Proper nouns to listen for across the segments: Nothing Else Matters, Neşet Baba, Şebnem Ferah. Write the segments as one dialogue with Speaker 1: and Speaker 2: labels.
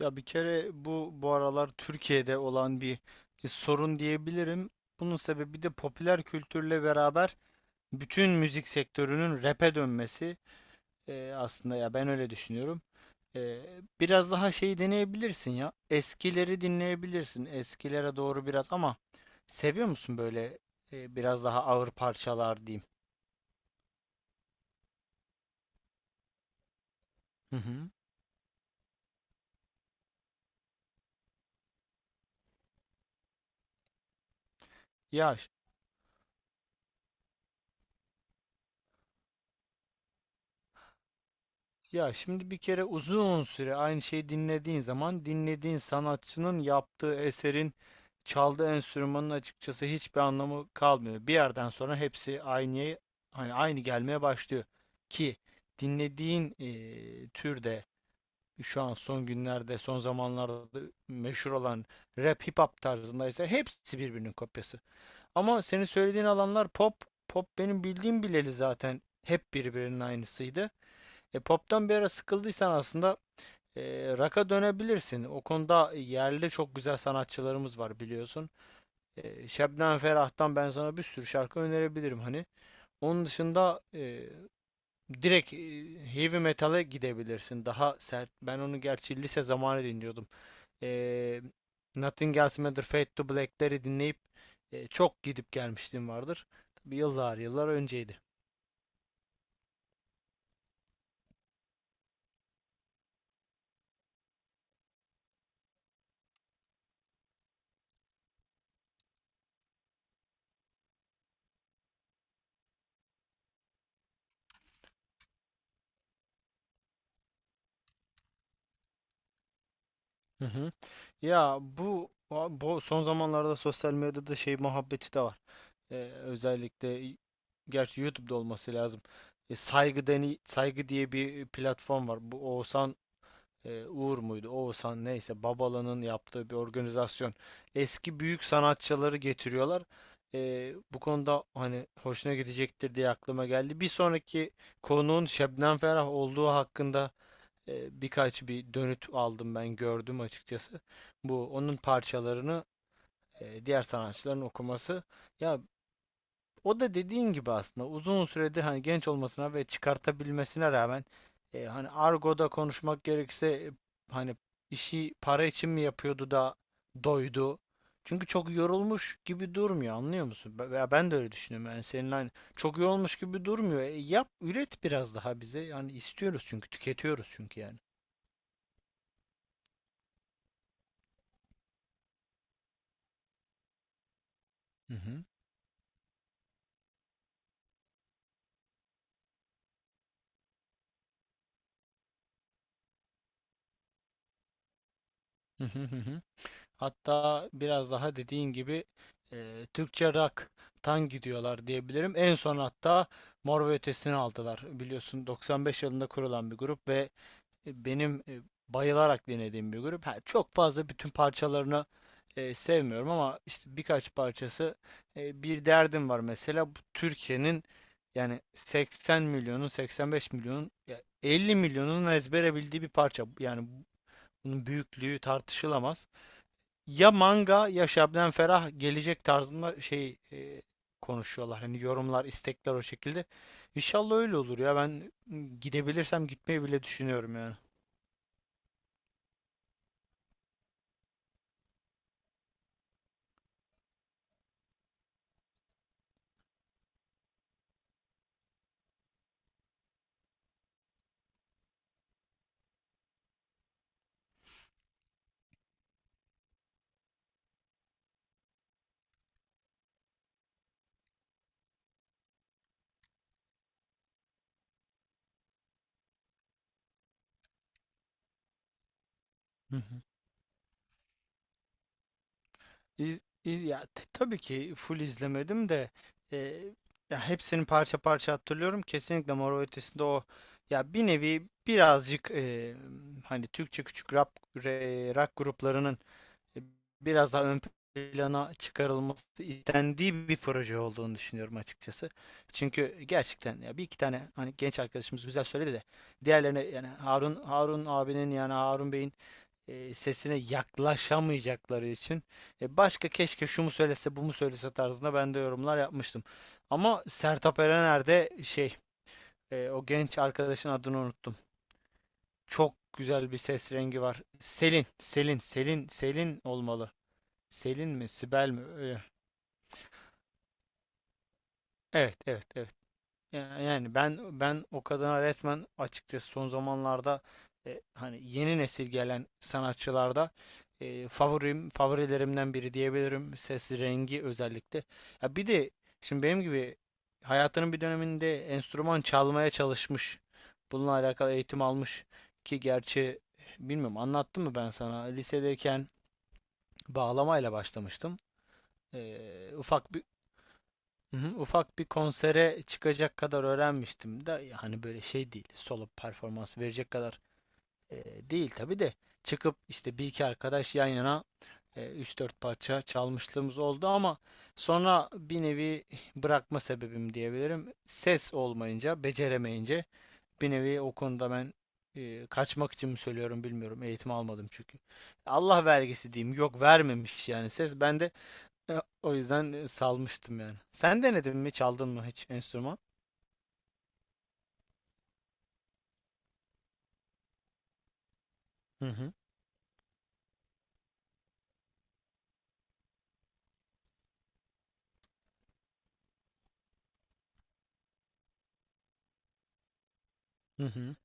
Speaker 1: Ya bir kere bu aralar Türkiye'de olan bir sorun diyebilirim. Bunun sebebi de popüler kültürle beraber bütün müzik sektörünün rap'e dönmesi. Aslında ya ben öyle düşünüyorum. E, Biraz daha şey deneyebilirsin ya. Eskileri dinleyebilirsin. Eskilere doğru biraz ama seviyor musun böyle biraz daha ağır parçalar diyeyim? Hı hı. Ya Ya şimdi bir kere uzun süre aynı şeyi dinlediğin zaman dinlediğin sanatçının yaptığı eserin çaldığı enstrümanın açıkçası hiçbir anlamı kalmıyor. Bir yerden sonra hepsi aynı hani aynı gelmeye başlıyor ki dinlediğin türde şu an son günlerde son zamanlarda meşhur olan rap hip hop tarzındaysa hepsi birbirinin kopyası. Ama senin söylediğin alanlar pop. Pop benim bildiğim bileli zaten hep birbirinin aynısıydı. Pop'tan bir ara sıkıldıysan aslında e, rock'a dönebilirsin. O konuda yerli çok güzel sanatçılarımız var biliyorsun. Şebnem Ferah'tan ben sana bir sürü şarkı önerebilirim hani. Onun dışında direkt heavy metal'e gidebilirsin. Daha sert. Ben onu gerçi lise zamanı dinliyordum. E, Nothing Else Matters, Fade to Black'leri dinleyip çok gidip gelmişliğim vardır. Tabii yıllar yıllar önceydi. Hı hı. Ya bu son zamanlarda sosyal medyada şey muhabbeti de var. Ee, Özellikle gerçi YouTube'da olması lazım. Saygı diye bir platform var. Bu Oğuzhan Uğur muydu? Oğuzhan neyse Babala'nın yaptığı bir organizasyon. Eski büyük sanatçıları getiriyorlar. Bu konuda hani hoşuna gidecektir diye aklıma geldi. Bir sonraki konuğun Şebnem Ferah olduğu hakkında birkaç bir dönüt aldım ben gördüm açıkçası. Bu onun parçalarını diğer sanatçıların okuması. Ya o da dediğin gibi aslında uzun süredir hani genç olmasına ve çıkartabilmesine rağmen hani argoda konuşmak gerekirse hani işi para için mi yapıyordu da doydu. Çünkü çok yorulmuş gibi durmuyor anlıyor musun? Veya ben de öyle düşünüyorum. Yani senin aynı çok yorulmuş gibi durmuyor. Yap üret biraz daha bize. Yani istiyoruz çünkü tüketiyoruz çünkü yani. Hı hı hı hı. Hatta biraz daha dediğin gibi Türkçe rock'tan gidiyorlar diyebilirim. En son hatta Mor ve Ötesi'ni aldılar. Biliyorsun 95 yılında kurulan bir grup ve benim bayılarak dinlediğim bir grup. Ha, çok fazla bütün parçalarını sevmiyorum ama işte birkaç parçası bir derdim var mesela. Bu Türkiye'nin yani 80 milyonun 85 milyonun ya 50 milyonun ezbere bildiği bir parça. Yani bunun büyüklüğü tartışılamaz ya manga ya Şebnem Ferah gelecek tarzında şey konuşuyorlar. Hani yorumlar, istekler o şekilde. İnşallah öyle olur ya. Ben gidebilirsem gitmeyi bile düşünüyorum yani. Hı hı. Tabii ki full izlemedim de e, ya hepsini parça parça hatırlıyorum. Kesinlikle Mor ve Ötesi'nde o ya bir nevi birazcık hani Türkçe küçük rap rock gruplarının e, biraz daha ön plana çıkarılması istendiği bir proje olduğunu düşünüyorum açıkçası. Çünkü gerçekten ya bir iki tane hani genç arkadaşımız güzel söyledi de diğerlerine yani Harun abinin yani Harun Bey'in sesine yaklaşamayacakları için başka keşke şu mu söylese bu mu söylese tarzında ben de yorumlar yapmıştım. Ama Sertab Erener de şey o genç arkadaşın adını unuttum. Çok güzel bir ses rengi var. Selin, Selin, Selin, Selin olmalı. Selin mi, Sibel mi? Öyle. Evet, evet, evet. Yani ben o kadına resmen açıkçası son zamanlarda hani yeni nesil gelen sanatçılarda favorilerimden biri diyebilirim. Ses rengi özellikle. Ya bir de şimdi benim gibi hayatının bir döneminde enstrüman çalmaya çalışmış. Bununla alakalı eğitim almış ki gerçi bilmiyorum anlattım mı ben sana lisedeyken bağlamayla başlamıştım. E, ufak Hı hı. Ufak bir konsere çıkacak kadar öğrenmiştim de hani böyle şey değil solo performans verecek kadar değil tabii de çıkıp işte bir iki arkadaş yan yana üç dört parça çalmışlığımız oldu ama sonra bir nevi bırakma sebebim diyebilirim. Ses olmayınca, beceremeyince bir nevi o konuda ben kaçmak için mi söylüyorum bilmiyorum. Eğitim almadım çünkü. Allah vergisi diyeyim. Yok vermemiş yani ses. Ben de o yüzden salmıştım yani. Sen denedin mi? Çaldın mı hiç enstrüman? Hı hı. Hı hı.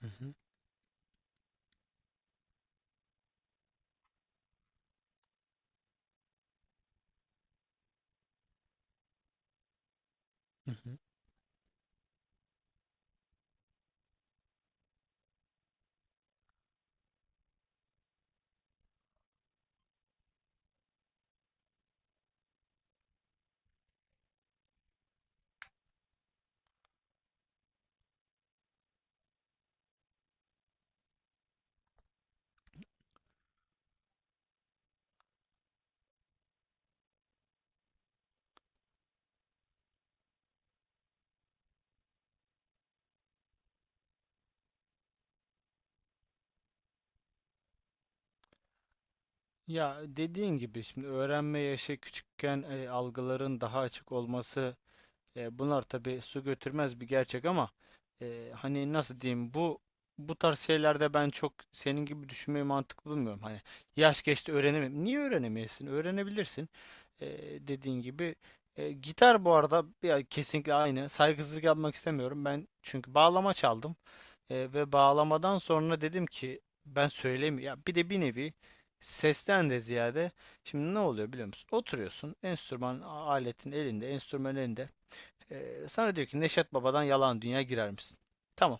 Speaker 1: Hı hı. Hı hı. Ya dediğin gibi şimdi öğrenme yaşı küçükken algıların daha açık olması. Bunlar tabii su götürmez bir gerçek ama hani nasıl diyeyim bu tarz şeylerde ben çok senin gibi düşünmeyi mantıklı bulmuyorum. Hani yaş geçti öğrenemem. Niye öğrenemeyesin? Öğrenebilirsin. E, Dediğin gibi. Gitar bu arada ya, kesinlikle aynı. Saygısızlık yapmak istemiyorum. Ben çünkü bağlama çaldım. Ve bağlamadan sonra dedim ki ben söylemiyorum. Ya bir de bir nevi sesten de ziyade şimdi ne oluyor biliyor musun? Oturuyorsun enstrüman aletin elinde, enstrüman elinde. Sana diyor ki Neşet Baba'dan yalan dünya girer misin? Tamam.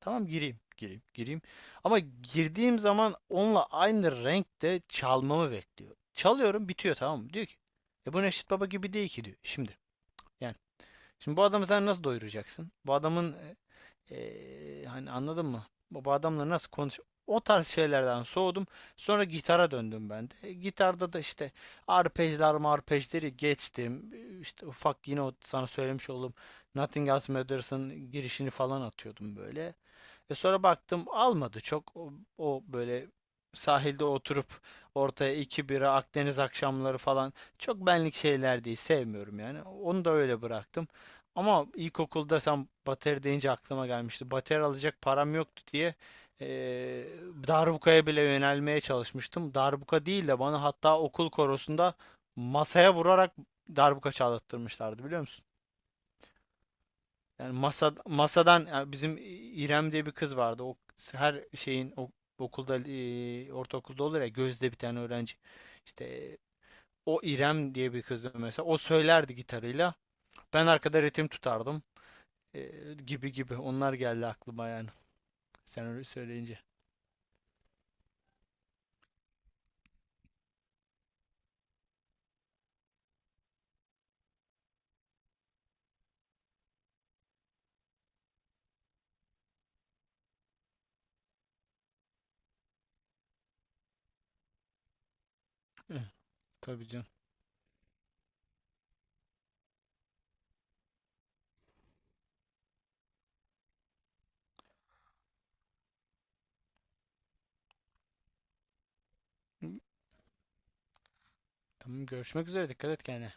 Speaker 1: Tamam gireyim. Gireyim. Gireyim. Ama girdiğim zaman onunla aynı renkte çalmamı bekliyor. Çalıyorum bitiyor tamam mı? Diyor ki bu Neşet Baba gibi değil ki diyor. Şimdi yani. Şimdi bu adamı sen nasıl doyuracaksın? Bu adamın hani anladın mı? Bu adamla nasıl konuş? O tarz şeylerden soğudum. Sonra gitara döndüm ben de. Gitarda da işte arpejler marpejleri geçtim. İşte ufak yine o sana söylemiş olduğum Nothing Else Matters'ın girişini falan atıyordum böyle. Ve sonra baktım almadı çok. O böyle sahilde oturup ortaya iki bira Akdeniz akşamları falan çok benlik şeyler değil sevmiyorum yani. Onu da öyle bıraktım. Ama ilkokulda sen bateri deyince aklıma gelmişti. Bateri alacak param yoktu diye eee darbukaya bile yönelmeye çalışmıştım. Darbuka değil de bana hatta okul korosunda masaya vurarak darbuka çalattırmışlardı biliyor musun? Yani masadan yani bizim İrem diye bir kız vardı. O her şeyin okulda ortaokulda olur ya gözde bir tane öğrenci. İşte o İrem diye bir kızdı mesela. O söylerdi gitarıyla. Ben arkada ritim tutardım. Gibi gibi. Onlar geldi aklıma yani. Sen öyle söyleyince. Eh, Tabii canım. Tamam görüşmek üzere. Dikkat et kendine.